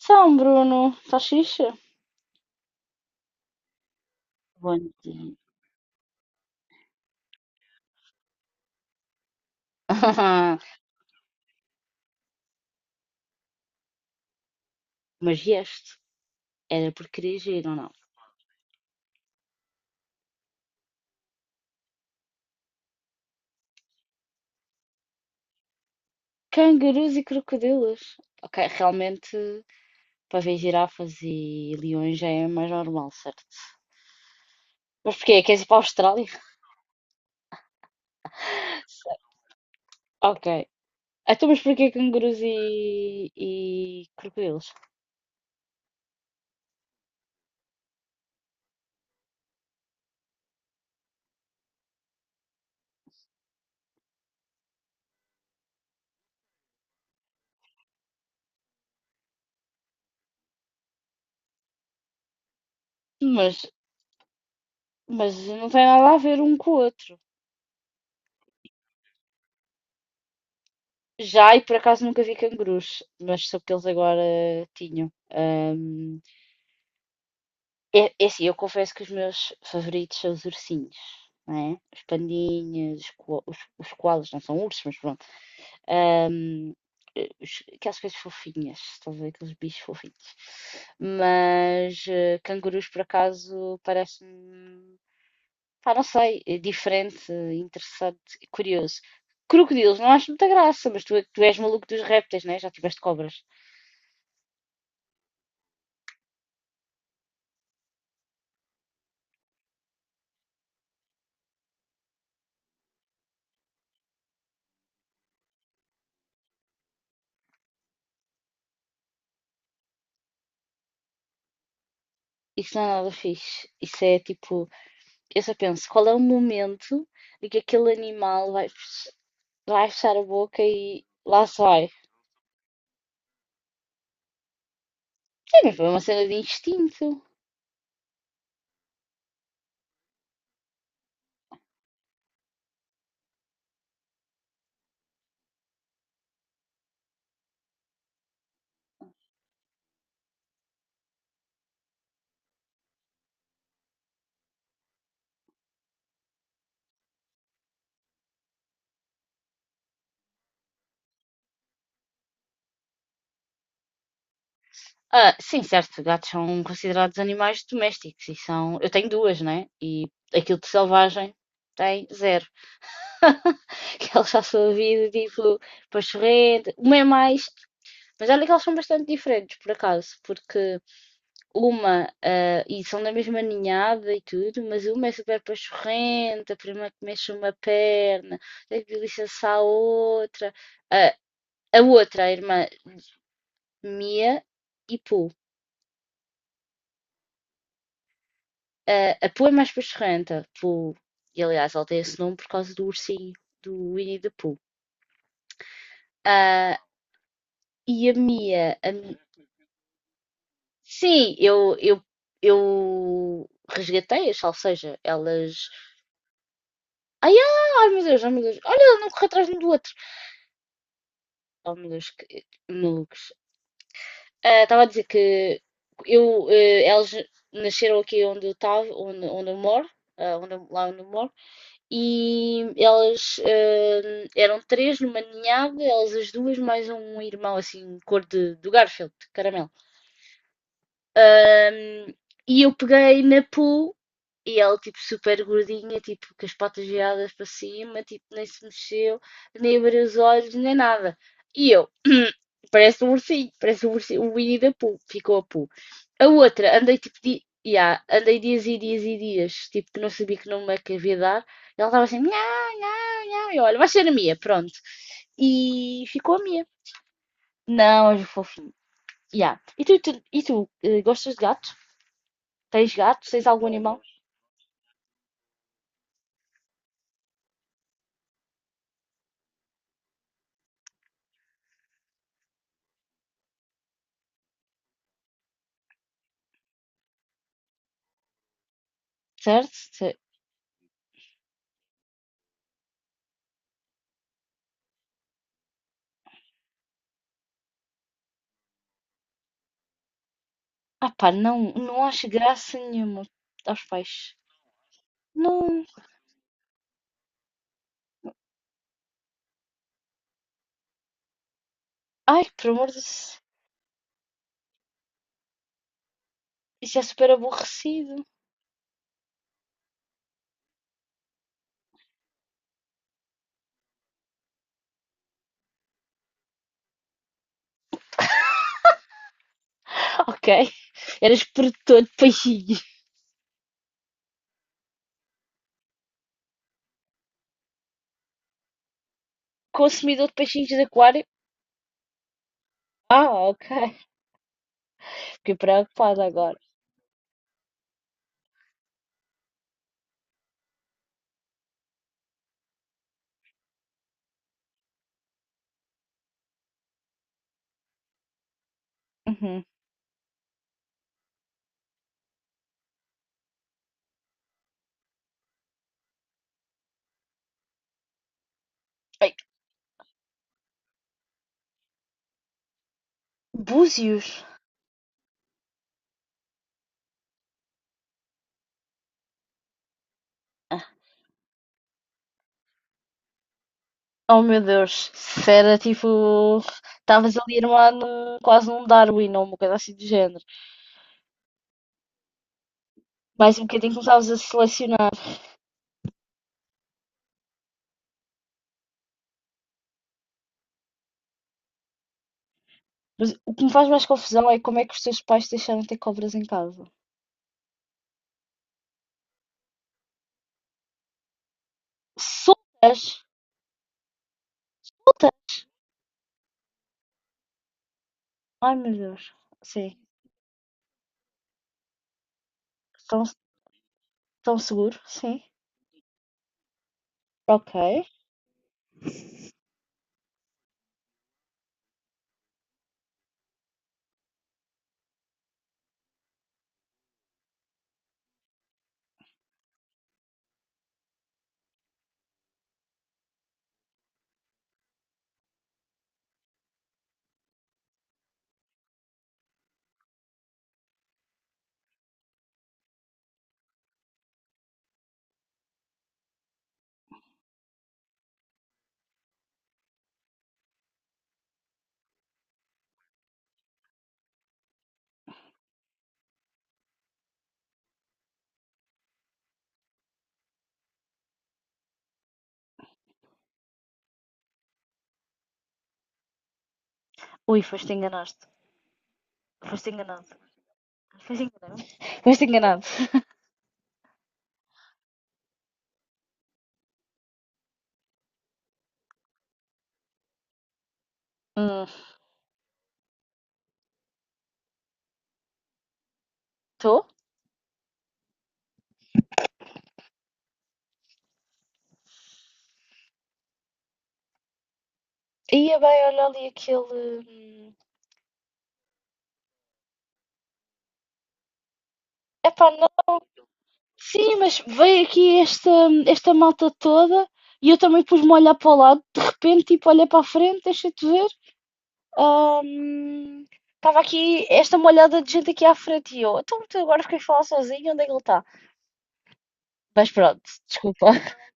Então, Bruno, estás fixe? Bom dia. Mas este era por querer giro ou não? Cangurus e crocodilos. Ok, realmente para ver girafas e leões já é mais normal, certo? Mas porquê? Queres ir para a Austrália? Ok. Então, mas porquê cangurus e crocodilos? Mas, mas não tem nada a ver um com o outro. Já, e por acaso nunca vi cangurus, mas soube que eles agora tinham. É assim, eu confesso que os meus favoritos são os ursinhos, não é? Os pandinhas, os, os koalas, não são ursos, mas pronto. Ahm, aquelas coisas fofinhas, estás a ver? Aqueles bichos fofinhos. Mas cangurus, por acaso, parece-me, pá, não sei, diferente, interessante, e curioso. Crocodilos, não acho muita graça, mas tu, tu és maluco dos répteis, né? Já tiveste cobras. Isso não é nada fixe. Isso é tipo. Eu só penso, qual é o momento em que aquele animal vai, vai fechar a boca e lá sai vai? Sim, mas foi uma cena de instinto. Ah, sim, certo, gatos são considerados animais domésticos e são. Eu tenho duas, né? E aquilo de selvagem tem zero. Que eles já sua vida, tipo, para chorrer, uma é mais. Mas olha que eles são bastante diferentes, por acaso, porque uma, ah, e são da mesma ninhada e tudo, mas uma é super pachorrenta, a prima que mexe uma perna, tem que licença a outra. Ah, a outra, a irmã Mia e Pooh. Ah, a Pooh é mais pachorrenta. Pooh, e aliás, ela tem esse nome por causa do ursinho, do Winnie the Pooh. Ah, e a Mia, sim, eu, eu resgatei-as, ou seja, elas. Ai, ai, ai, meu Deus, olha, ela não corre atrás de um do outro. Oh, molusco, malucos. Ah, estava a dizer que eu, eles nasceram aqui onde eu estava, onde eu moro, ah, lá onde eu moro, e elas eram três numa ninhada, elas as duas, mais um irmão assim, cor de, do Garfield, caramelo. Ahm, e eu peguei na Pooh e ela, tipo, super gordinha, tipo, com as patas viradas para cima, tipo, nem se mexeu, nem abriu os olhos, nem nada. E eu, parece um ursinho, o Winnie da Pooh, ficou a Pooh. A outra, andei tipo, di yeah, andei dias e dias e dias, tipo, que não sabia que nome é que havia de dar. E ela estava assim, nhá, nhá, nhá, e eu, olha, vai ser a Mia, pronto. E ficou a Mia. Não, é fofinho. Yeah. E tu, e tu gostas de gatos? Tens gato? Tens algum animal? Certo? Se- ah pá, não, não acho graça nenhuma aos peixes. Não. Ai, por amor de Deus. Isso é super aborrecido. Ok. Eras produtor de peixinhos. Consumidor de peixinhos de aquário? Ah, ok. Fiquei preocupada agora. Uhum. Ai, búzios? Ah, oh meu Deus, se era tipo. Estavas ali armado quase num Darwin ou uma coisa assim do género. Mais um bocadinho começavas a selecionar. Mas o que me faz mais confusão é como é que os teus pais te deixaram ter cobras em casa. Soltas? Soltas? Ai meu Deus. Sim. Tão, tão seguros? Sim. Ok. Ui, foste enganaste. Foste enganado. Foste enganado. Foste enganado. Estou? Ia bem, olha ali aquele. Epá, não. Sim, mas veio aqui esta malta toda e eu também pus-me a olhar para o lado. De repente, tipo, olhei para a frente, deixa-te ver. Estava aqui esta molhada de gente aqui à frente e eu, então tu agora fiquei a falar sozinho, onde é que ele está? Mas pronto, desculpa.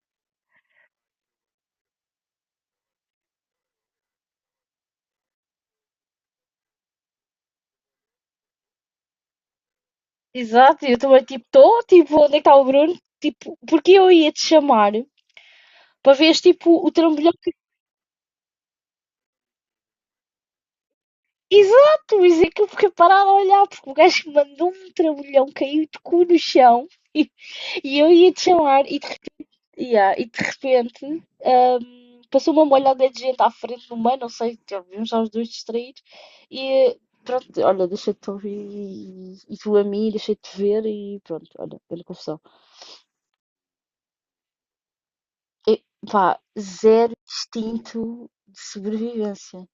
Exato, eu também tipo, estou, tipo, onde é que está o Bruno? Tipo, porque eu ia te chamar para veres tipo o trambolhão que. Exato, isso é que eu fiquei parada a olhar, porque o gajo mandou um trambolhão, caiu de cu no chão e eu ia te chamar e de yeah, e de repente, passou uma molhada de gente à frente no meio, não sei, vimos já os dois distraídos. E pronto, olha, deixei de te ouvir e tu a mim, deixei de te ver e pronto, olha, grande confusão. E, pá, zero instinto de sobrevivência.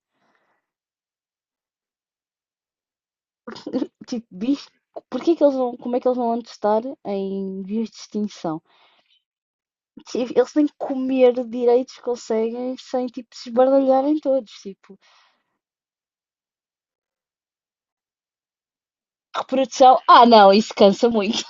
Tipo, bicho, porquê que eles vão, como é que eles vão antes estar em vias de extinção? Tipo, eles nem comer direitos conseguem sem, tipo, se esbardalharem todos, tipo. Reprodução, ah não, isso cansa muito.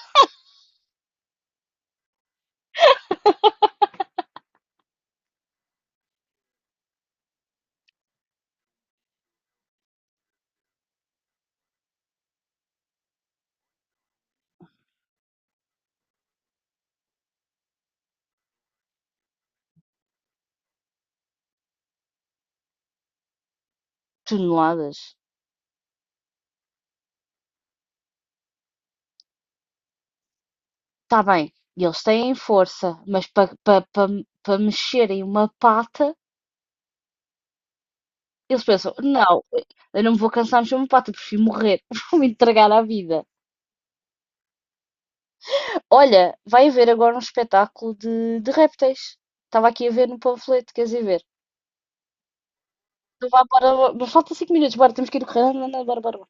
Toneladas. Está bem, eles têm força, mas para pa mexerem uma pata, eles pensam: não, eu não me vou cansar de mexer uma pata, prefiro morrer, vou me entregar à vida. Olha, vai haver agora um espetáculo de répteis. Estava aqui a ver no panfleto, queres ir ver? Então vá, bora, bora, mas falta 5 minutos, bora, temos que ir correndo, bora, bora, bora.